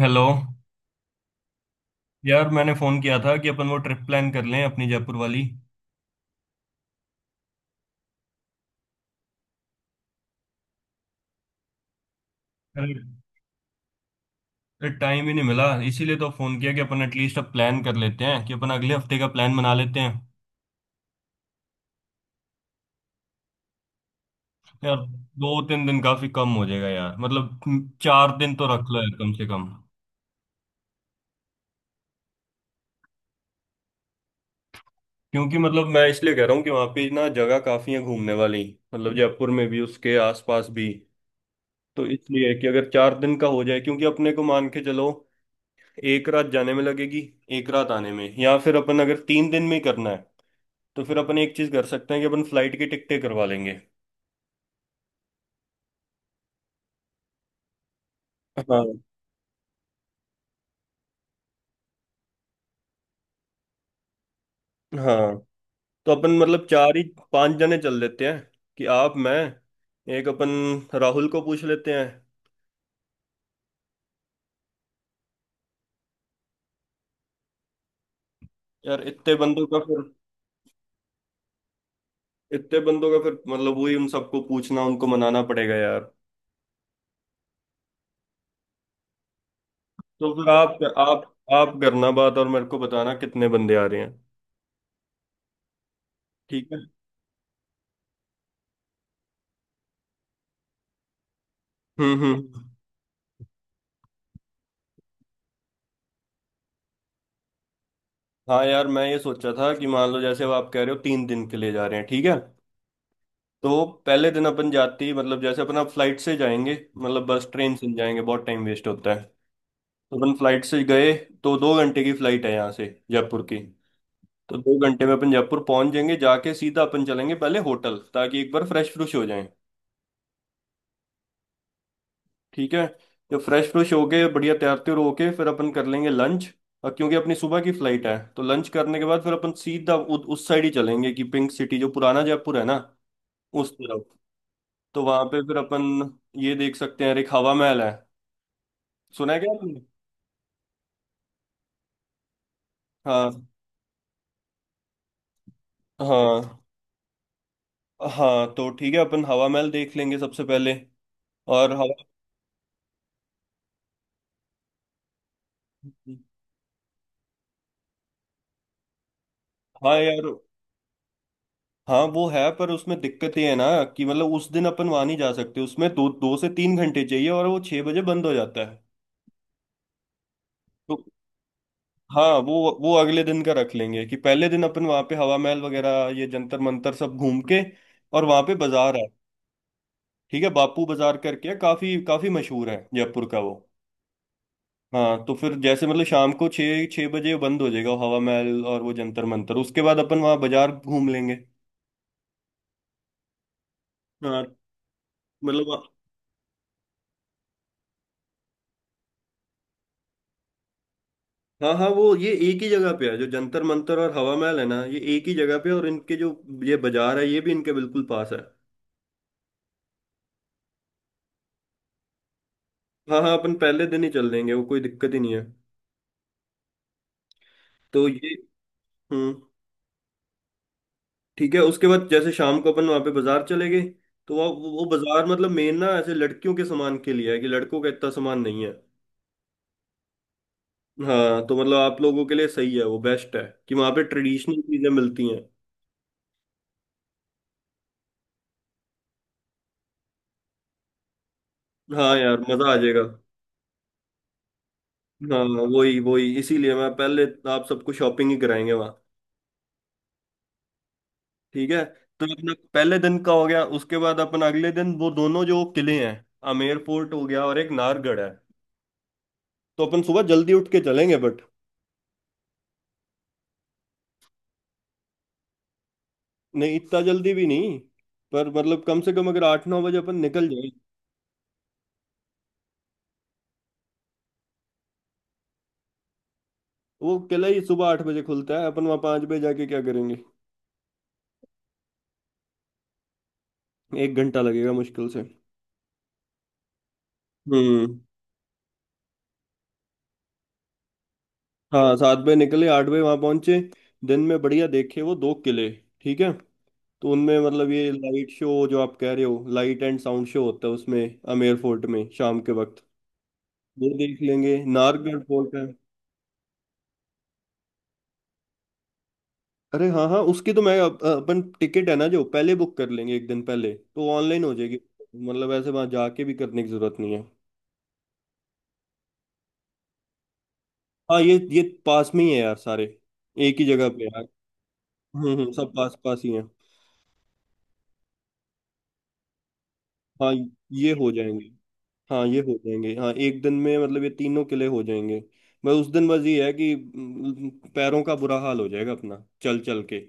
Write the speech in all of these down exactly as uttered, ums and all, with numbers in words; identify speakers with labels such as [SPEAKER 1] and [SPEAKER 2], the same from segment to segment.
[SPEAKER 1] Hello. यार, मैंने phone किया था कि अपन वो ट्रिप प्लान कर लें अपनी जयपुर वाली। अरे, टाइम ही नहीं मिला इसीलिए तो फोन किया कि अपन एटलीस्ट अब प्लान कर लेते हैं कि अपन अगले हफ्ते का प्लान बना लेते हैं। यार, दो तीन दिन काफी कम हो जाएगा यार। मतलब हम्म, चार दिन तो रख लो यार कम से कम। क्योंकि मतलब मैं इसलिए कह रहा हूँ कि वहाँ पे ना जगह काफी है घूमने वाली। मतलब जयपुर में भी उसके आसपास भी। तो इसलिए कि अगर चार दिन का हो जाए क्योंकि अपने को मान के चलो, एक रात जाने में लगेगी, एक रात आने में, या फिर अपन अगर तीन दिन में ही करना है तो फिर अपन एक चीज कर सकते हैं कि अपन फ्लाइट की टिकटें करवा लेंगे। हाँ, हाँ, तो अपन मतलब चार ही पांच जने चल लेते हैं, कि आप, मैं, एक अपन राहुल को पूछ लेते हैं। यार इतने बंदों का फिर इतने बंदों का फिर मतलब वही उन सबको पूछना, उनको मनाना पड़ेगा यार। तो फिर आप आप आप करना बात और मेरे को बताना कितने बंदे आ रहे हैं। ठीक है। हम्म। हम्म। हाँ यार, मैं ये सोचा था कि मान लो, जैसे अब आप कह रहे हो तीन दिन के लिए जा रहे हैं, ठीक है तो पहले दिन अपन जाते ही मतलब जैसे अपना फ्लाइट से जाएंगे, मतलब बस ट्रेन से नहीं जाएंगे, बहुत टाइम वेस्ट होता है। तो अपन फ्लाइट से गए तो दो घंटे की फ्लाइट है यहाँ से जयपुर की। तो दो घंटे में अपन जयपुर पहुंच जाएंगे, जाके सीधा अपन चलेंगे पहले होटल ताकि एक बार फ्रेश फ्रूश हो जाए। ठीक है। जब फ्रेश फ्रूश हो गए, बढ़िया तैयार त्यार होके, फिर अपन कर लेंगे लंच। और क्योंकि अपनी सुबह की फ्लाइट है तो लंच करने के बाद फिर अपन सीधा उ, उस साइड ही चलेंगे कि पिंक सिटी जो पुराना जयपुर है ना, उस तरफ। तो वहां पे फिर अपन ये देख सकते हैं, एक हवा महल है। सुना है क्या आपने? हाँ, हाँ, हाँ, तो ठीक है अपन हवा महल देख लेंगे सबसे पहले। और हवा हाँ यार। हाँ, वो है पर उसमें दिक्कत ये है ना कि मतलब उस दिन अपन वहां नहीं जा सकते, उसमें दो दो से तीन घंटे चाहिए और वो छह बजे बंद हो जाता है। तो हाँ, वो वो अगले दिन का रख लेंगे कि पहले दिन अपन वहां पे हवा महल वगैरह, ये जंतर मंतर सब घूम के। और वहां पे बाजार है, ठीक है बापू बाजार करके है, काफी काफी मशहूर है जयपुर का वो। हाँ तो फिर जैसे मतलब शाम को छः छः बजे बंद हो जाएगा हवा महल और वो जंतर मंतर, उसके बाद अपन वहाँ बाजार घूम लेंगे। हाँ मतलब, हाँ, हाँ, वो ये एक ही जगह पे है जो जंतर मंतर और हवा महल है ना, ये एक ही जगह पे है, और इनके जो ये बाजार है ये भी इनके बिल्कुल पास है। हाँ, हाँ, अपन पहले दिन ही चल देंगे, वो कोई दिक्कत ही नहीं है। तो ये हम्म। ठीक है। उसके बाद जैसे शाम को अपन वहाँ पे बाजार चले गए तो वहाँ वो वो बाजार मतलब मेन ना ऐसे लड़कियों के सामान के लिए है, कि लड़कों का इतना सामान नहीं है। हाँ तो मतलब आप लोगों के लिए सही है, वो बेस्ट है, कि वहां पे ट्रेडिशनल चीजें मिलती हैं। हाँ यार मजा आ जाएगा। हाँ, वही वही इसीलिए मैं पहले आप सबको शॉपिंग ही कराएंगे वहाँ। ठीक है। तो अपना पहले दिन का हो गया, उसके बाद अपन अगले दिन वो दोनों जो किले हैं आमेर फोर्ट हो गया और एक नाहरगढ़ है, तो अपन सुबह जल्दी उठ के चलेंगे बट नहीं इतना जल्दी भी नहीं, पर मतलब कम से कम अगर आठ नौ बजे अपन निकल जाए। वो किला ही सुबह आठ बजे खुलता है, अपन वहाँ पाँच बजे जाके क्या करेंगे? एक घंटा लगेगा मुश्किल से। हम्म। हाँ, सात बजे निकले, आठ बजे वहां पहुंचे, दिन में बढ़िया देखे वो दो किले। ठीक है। तो उनमें मतलब ये लाइट शो जो आप कह रहे हो, लाइट एंड साउंड शो होता है उसमें आमेर फोर्ट में शाम के वक्त वो देख लेंगे। नाहरगढ़ फोर्ट है, अरे हाँ, हाँ, उसकी तो मैं अप- अपन टिकट है ना, जो पहले बुक कर लेंगे एक दिन पहले तो ऑनलाइन हो जाएगी। मतलब ऐसे वहां जाके भी करने की जरूरत नहीं है। हाँ, ये ये पास में ही है यार सारे, एक ही जगह पे यार। हम्म। हम्म। सब पास पास ही है। हाँ ये हो जाएंगे हाँ ये हो जाएंगे, हाँ एक दिन में मतलब ये तीनों किले हो जाएंगे। मैं उस दिन बस ये है कि म, पैरों का बुरा हाल हो जाएगा अपना चल चल के।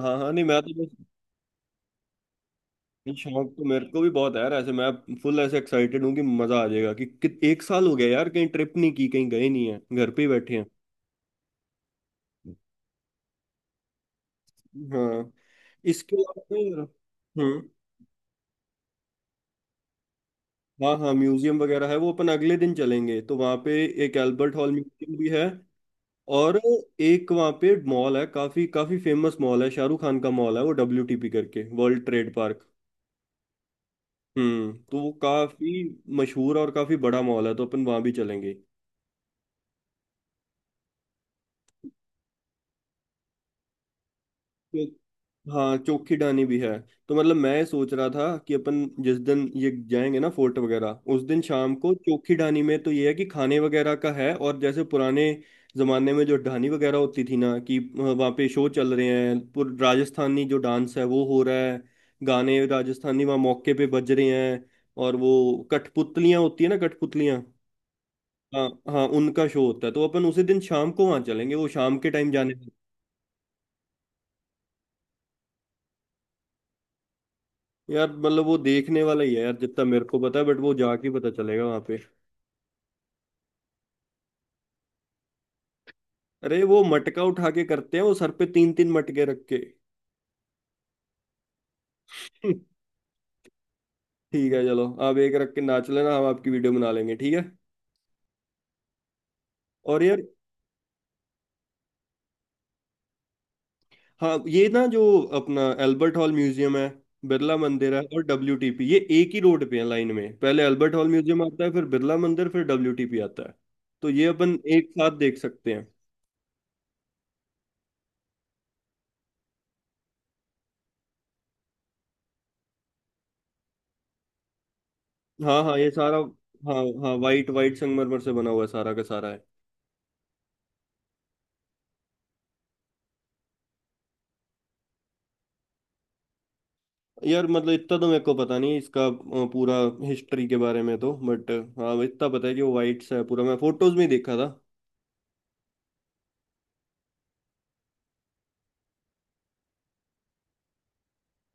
[SPEAKER 1] हाँ, हाँ, नहीं मैं तो बस। शौक तो मेरे को भी बहुत है यार, ऐसे मैं फुल ऐसे एक्साइटेड हूँ कि मजा आ जाएगा, कि, कि एक साल हो गया यार, कहीं ट्रिप नहीं की, कहीं गए नहीं है घर पे ही बैठे हैं। हाँ। इसके अलावा तो यार- हम्म। हाँ, हाँ, म्यूजियम वगैरह है, वो अपन अगले दिन चलेंगे तो वहाँ पे एक एल्बर्ट हॉल म्यूजियम भी है। और एक वहाँ पे मॉल है, काफी काफी फेमस मॉल है, शाहरुख खान का मॉल है वो, डब्ल्यूटीपी करके, वर्ल्ड ट्रेड पार्क। हम्म। तो वो काफी मशहूर और काफी बड़ा मॉल है, तो अपन वहां भी चलेंगे। तो हाँ, चोखी डानी भी है। तो मतलब मैं सोच रहा था कि अपन जिस दिन ये जाएंगे ना फोर्ट वगैरह, उस दिन शाम को चोखी डानी में। तो ये है कि खाने वगैरह का है और जैसे पुराने जमाने में जो ढानी वगैरह होती थी ना, कि वहाँ पे शो चल रहे हैं, पूर- राजस्थानी जो डांस है वो हो रहा है, गाने राजस्थानी वहाँ मौके पे बज रहे हैं। और वो कठपुतलियाँ होती है ना, कठपुतलियाँ। हाँ, हाँ, उनका शो होता है तो अपन उसी दिन शाम को वहाँ चलेंगे वो शाम के टाइम जाने। यार मतलब वो देखने वाला ही है यार, जितना मेरे को पता है बट वो जाके पता चलेगा वहां पे। अरे वो मटका उठा के करते हैं, वो सर पे तीन तीन मटके रख के। ठीक है, चलो आप एक रख के नाच लेना, हम आपकी वीडियो बना लेंगे, ठीक है। और यार, हाँ, ये ना जो अपना एल्बर्ट हॉल म्यूजियम है, बिरला मंदिर है और डब्ल्यूटीपी, ये एक ही रोड पे है, लाइन में पहले एल्बर्ट हॉल म्यूजियम आता है, फिर बिरला मंदिर, फिर डब्ल्यूटीपी आता है। तो ये अपन एक साथ देख सकते हैं। हाँ, हाँ, ये सारा। हाँ, हाँ, वाइट वाइट संगमरमर से बना हुआ है सारा का सारा है। यार मतलब इतना तो मेरे को पता नहीं इसका अ, पूरा हिस्ट्री के बारे में तो बट हाँ इतना पता है कि वो वाइट सा है पूरा, मैं फोटोज में ही देखा था।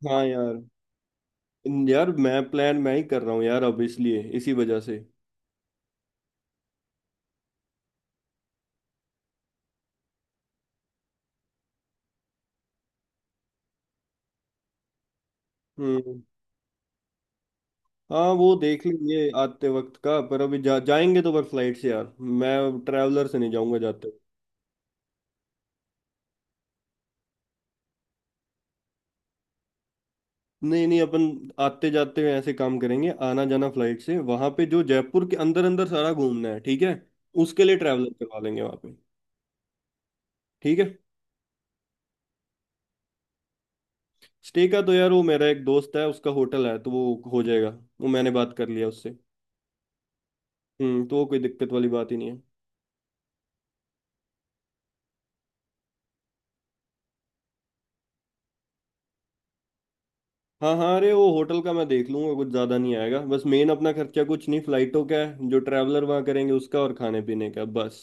[SPEAKER 1] हाँ यार। यार मैं प्लान मैं ही कर रहा हूँ यार, अब इसलिए इसी वजह से। हम्म। हाँ, वो देख लेंगे आते वक्त का, पर अभी जा, जाएंगे तो पर फ्लाइट से यार, मैं ट्रैवलर से नहीं जाऊंगा जाते वक्त। नहीं, नहीं, अपन आते जाते हुए ऐसे काम करेंगे, आना जाना फ्लाइट से, वहां पे जो जयपुर के अंदर अंदर सारा घूमना है, ठीक है, उसके लिए ट्रैवलर करवा लेंगे वहां पे। ठीक है। स्टे का तो यार वो मेरा एक दोस्त है, उसका होटल है तो वो हो जाएगा। वो मैंने बात कर लिया उससे। हम्म। तो वो कोई दिक्कत वाली बात ही नहीं है। हाँ, हाँ, अरे वो होटल का मैं देख लूंगा, कुछ ज्यादा नहीं आएगा, बस मेन अपना खर्चा कुछ नहीं फ्लाइटों का है, जो ट्रैवलर वहाँ करेंगे उसका, और खाने पीने का बस।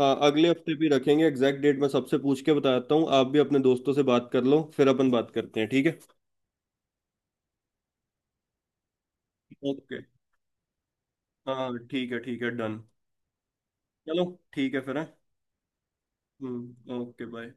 [SPEAKER 1] हाँ, अगले हफ्ते भी रखेंगे एग्जैक्ट डेट, मैं सबसे पूछ के बताता हूँ, आप भी अपने दोस्तों से बात कर लो फिर अपन बात करते हैं, ठीक है। ओके। हाँ, ठीक है, ठीक है, डन। चलो। ठीक है फिर, हाँ? हम्म। ओके। बाय।